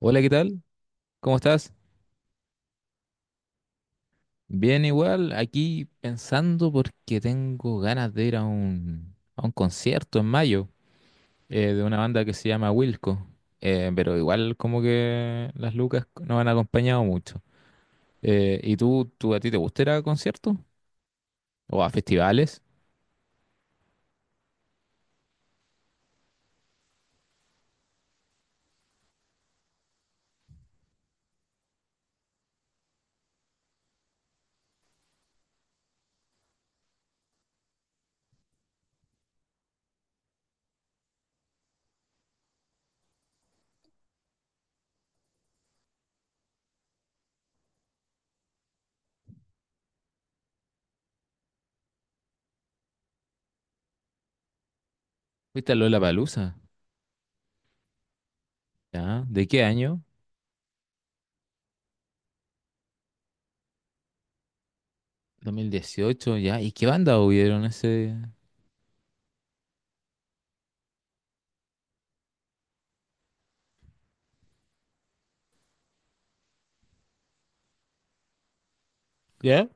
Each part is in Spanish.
Hola, ¿qué tal? ¿Cómo estás? Bien, igual, aquí pensando porque tengo ganas de ir a un concierto en mayo, de una banda que se llama Wilco. Pero igual como que las lucas no han acompañado mucho. ¿Y tú a ti te gusta ir a conciertos o a festivales? ¿Fuiste a Lollapalooza? ¿Ya? ¿De qué año? 2018, ¿ya? ¿Y qué banda hubieron ese? ¿Ya?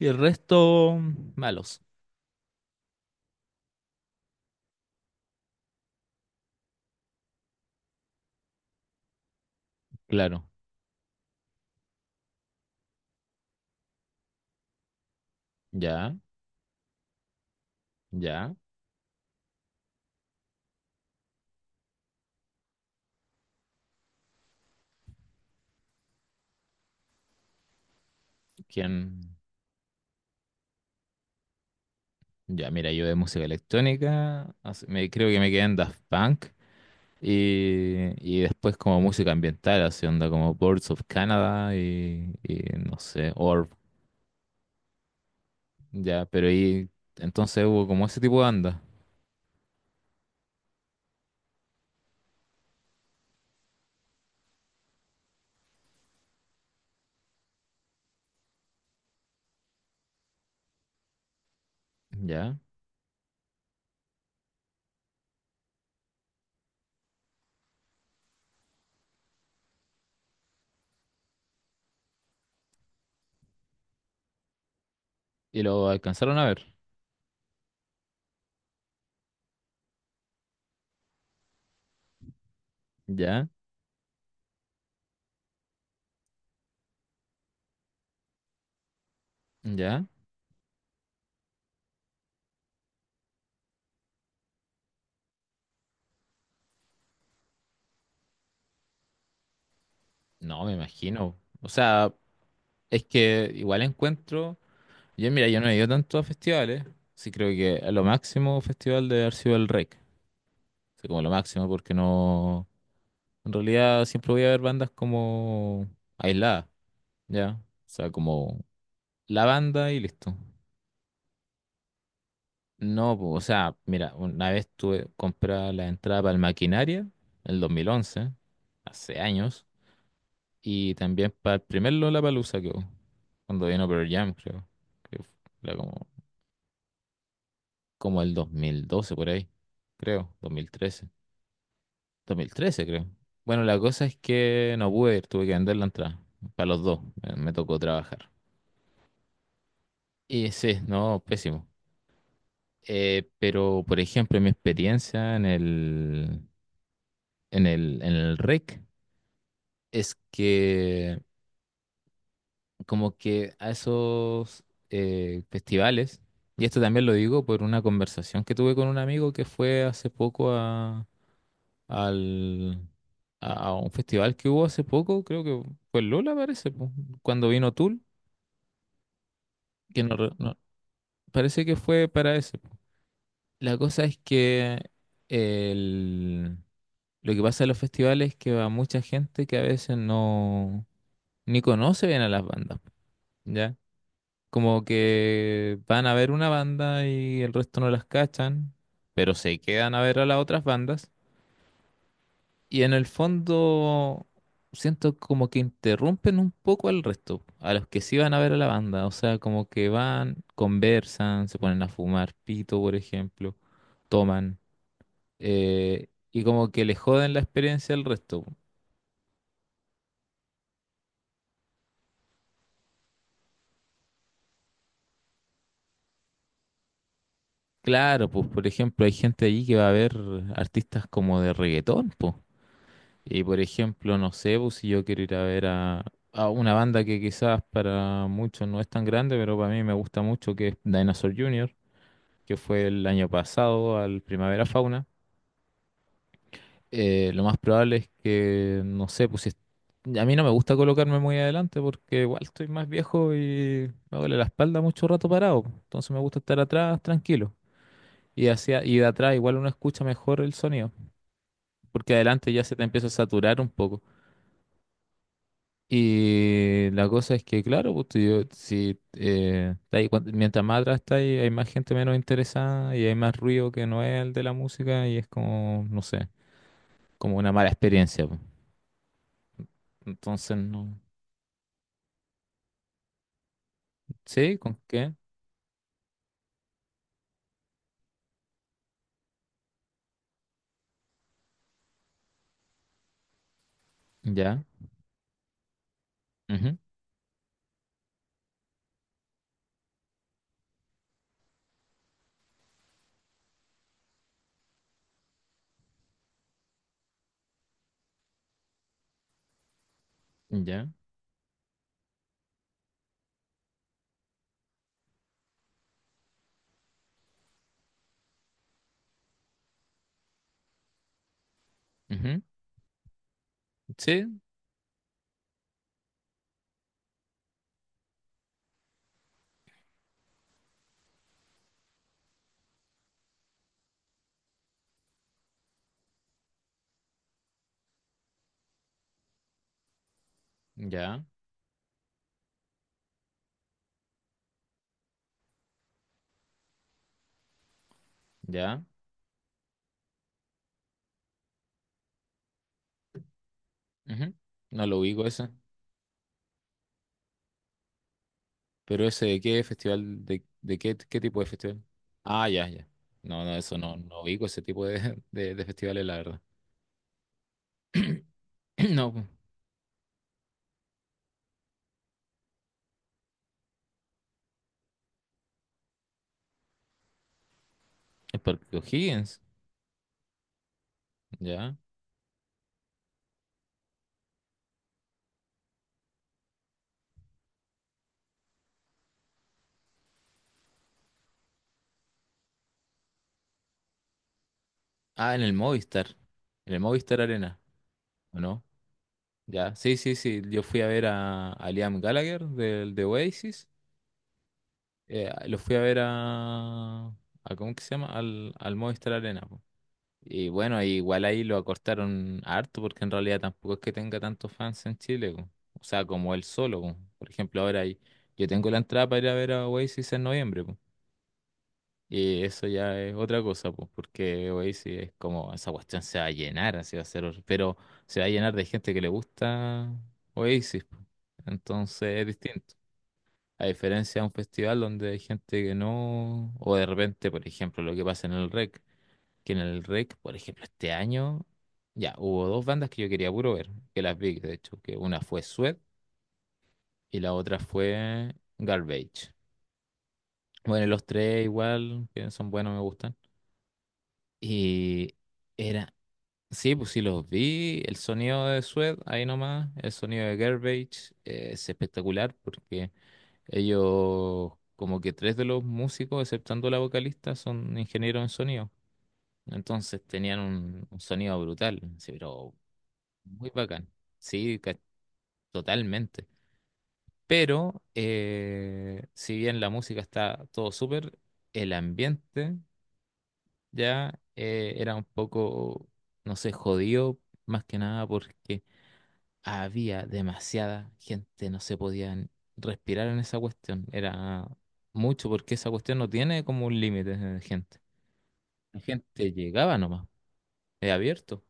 Y el resto, malos. Claro, ya, ya. ¿Quién? Ya, mira, yo de música electrónica, creo que me quedé en Daft Punk, y después como música ambiental, así onda como Birds of Canada, y no sé, Orb. Ya, pero ahí entonces hubo como ese tipo de banda, ya, y lo alcanzaron a ver, ya, ya. No, me imagino. O sea, es que igual encuentro, yo mira, yo no he ido tanto a festivales. Sí, creo que a lo máximo festival de haber sido el REC, así como lo máximo porque no... En realidad siempre voy a ver bandas como aisladas, ¿ya? O sea, como la banda y listo. No, po, o sea, mira, una vez tuve comprar la entrada para el Maquinaria, en el 2011, hace años, y también para el primer Lollapalooza que hubo, cuando vino Pearl Jam, creo. que fu- Era como, el 2012 por ahí, creo. Dos mil trece, 2013, creo. Bueno, la cosa es que no pude ir, tuve que vender la entrada para los dos, me tocó trabajar. Y sí, no, pésimo. Pero, por ejemplo, mi experiencia en el REC es que como que a esos, festivales, y esto también lo digo por una conversación que tuve con un amigo que fue hace poco al, a un festival que hubo hace poco, creo que fue en Lola, parece, po, cuando vino Tool. Que no, re- no- Parece que fue para ese, po. La cosa es que el, lo que pasa en los festivales es que va mucha gente que a veces ni conoce bien a las bandas, ¿ya? Como que van a ver una banda y el resto no las cachan, pero se quedan a ver a las otras bandas, y en el fondo siento como que interrumpen un poco al resto, a los que sí van a ver a la banda. O sea, como que van, conversan, se ponen a fumar pito, por ejemplo, toman, y como que le joden la experiencia al resto. Claro, pues por ejemplo, hay gente allí que va a ver artistas como de reggaetón, pues. Y por ejemplo, no sé, pues si yo quiero ir a ver a una banda que quizás para muchos no es tan grande, pero para mí me gusta mucho, que es Dinosaur Jr., que fue el año pasado al Primavera Fauna. Lo más probable es que, no sé, a mí no me gusta colocarme muy adelante porque igual estoy más viejo y me duele la espalda mucho rato parado, pues. Entonces me gusta estar atrás, tranquilo. Y de atrás igual uno escucha mejor el sonido, porque adelante ya se te empieza a saturar un poco. Y la cosa es que, claro, pues, tú- yo- si, está ahí, mientras más atrás está ahí, hay más gente menos interesada y hay más ruido que no es el de la música, y es como, no sé, como una mala experiencia, pues. Entonces, no. ¿Sí? ¿Con qué? Ya. Ujú. Ya. Ujú. Sí. Ya. Ya. Ujú. No lo ubico eso. Pero ese de qué festival, de qué, qué tipo de festival. Ah, ya, ya. No, no, eso no, no ubico ese tipo de festivales, la verdad. No, pues, el Parque O'Higgins, ya. Ah, en el Movistar Arena, ¿o no? Ya, sí, sí, sí. Yo fui a ver a, Liam Gallagher del de Oasis. Lo fui a ver a ¿cómo que se llama? Al Movistar Arena, po. Y bueno, igual ahí lo acortaron harto porque en realidad tampoco es que tenga tantos fans en Chile, po. O sea, como él solo, po. Por ejemplo, yo tengo la entrada para ir a ver a Oasis en noviembre, po. Y eso ya es otra cosa, pues porque Oasis es como, esa cuestión se va a llenar, así va a ser. Pero se va a llenar de gente que le gusta Oasis, po. Entonces es distinto. A diferencia de un festival donde hay gente que no, o de repente, por ejemplo, lo que pasa en el Rec, por ejemplo, este año, ya hubo dos bandas que yo quería puro ver, que las vi, de hecho. Que una fue Sweat y la otra fue Garbage. Bueno, los tres igual, que son buenos, me gustan. Y Era, sí, pues sí los vi. El sonido de Sweat, ahí nomás. El sonido de Garbage, es espectacular porque ellos, como que tres de los músicos, exceptando la vocalista, son ingenieros en sonido. Entonces tenían un sonido brutal, sí. Pero muy bacán, sí, totalmente. Pero si bien la música está todo súper, el ambiente ya, era un poco, no sé, jodido, más que nada porque había demasiada gente, no se podían respirar en esa cuestión. Era mucho porque esa cuestión no tiene como un límite de gente. La gente llegaba nomás, es abierto.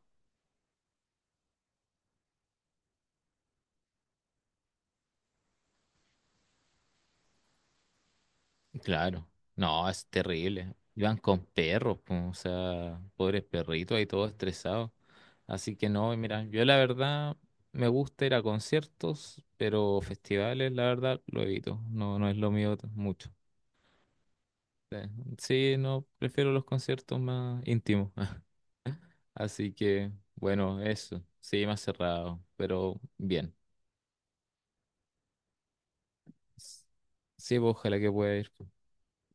Claro, no, es terrible. Iban con perros, po, o sea, pobres perritos ahí todos estresados. Así que no, mira, yo la verdad me gusta ir a conciertos, pero festivales, la verdad, lo evito. No, no es lo mío mucho. Eh, Sí, no, prefiero los conciertos más íntimos. Así que, bueno, eso. Sí, más cerrado, pero bien. S- Sí, pues, ojalá que pueda ir.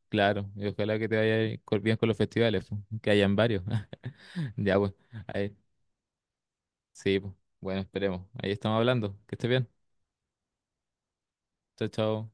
Claro, y ojalá que te vaya bien con los festivales, po, que hayan varios. Ya, pues, ahí, sí, pues. Bueno, esperemos. Ahí estamos hablando. Que estés bien. Chao, chao.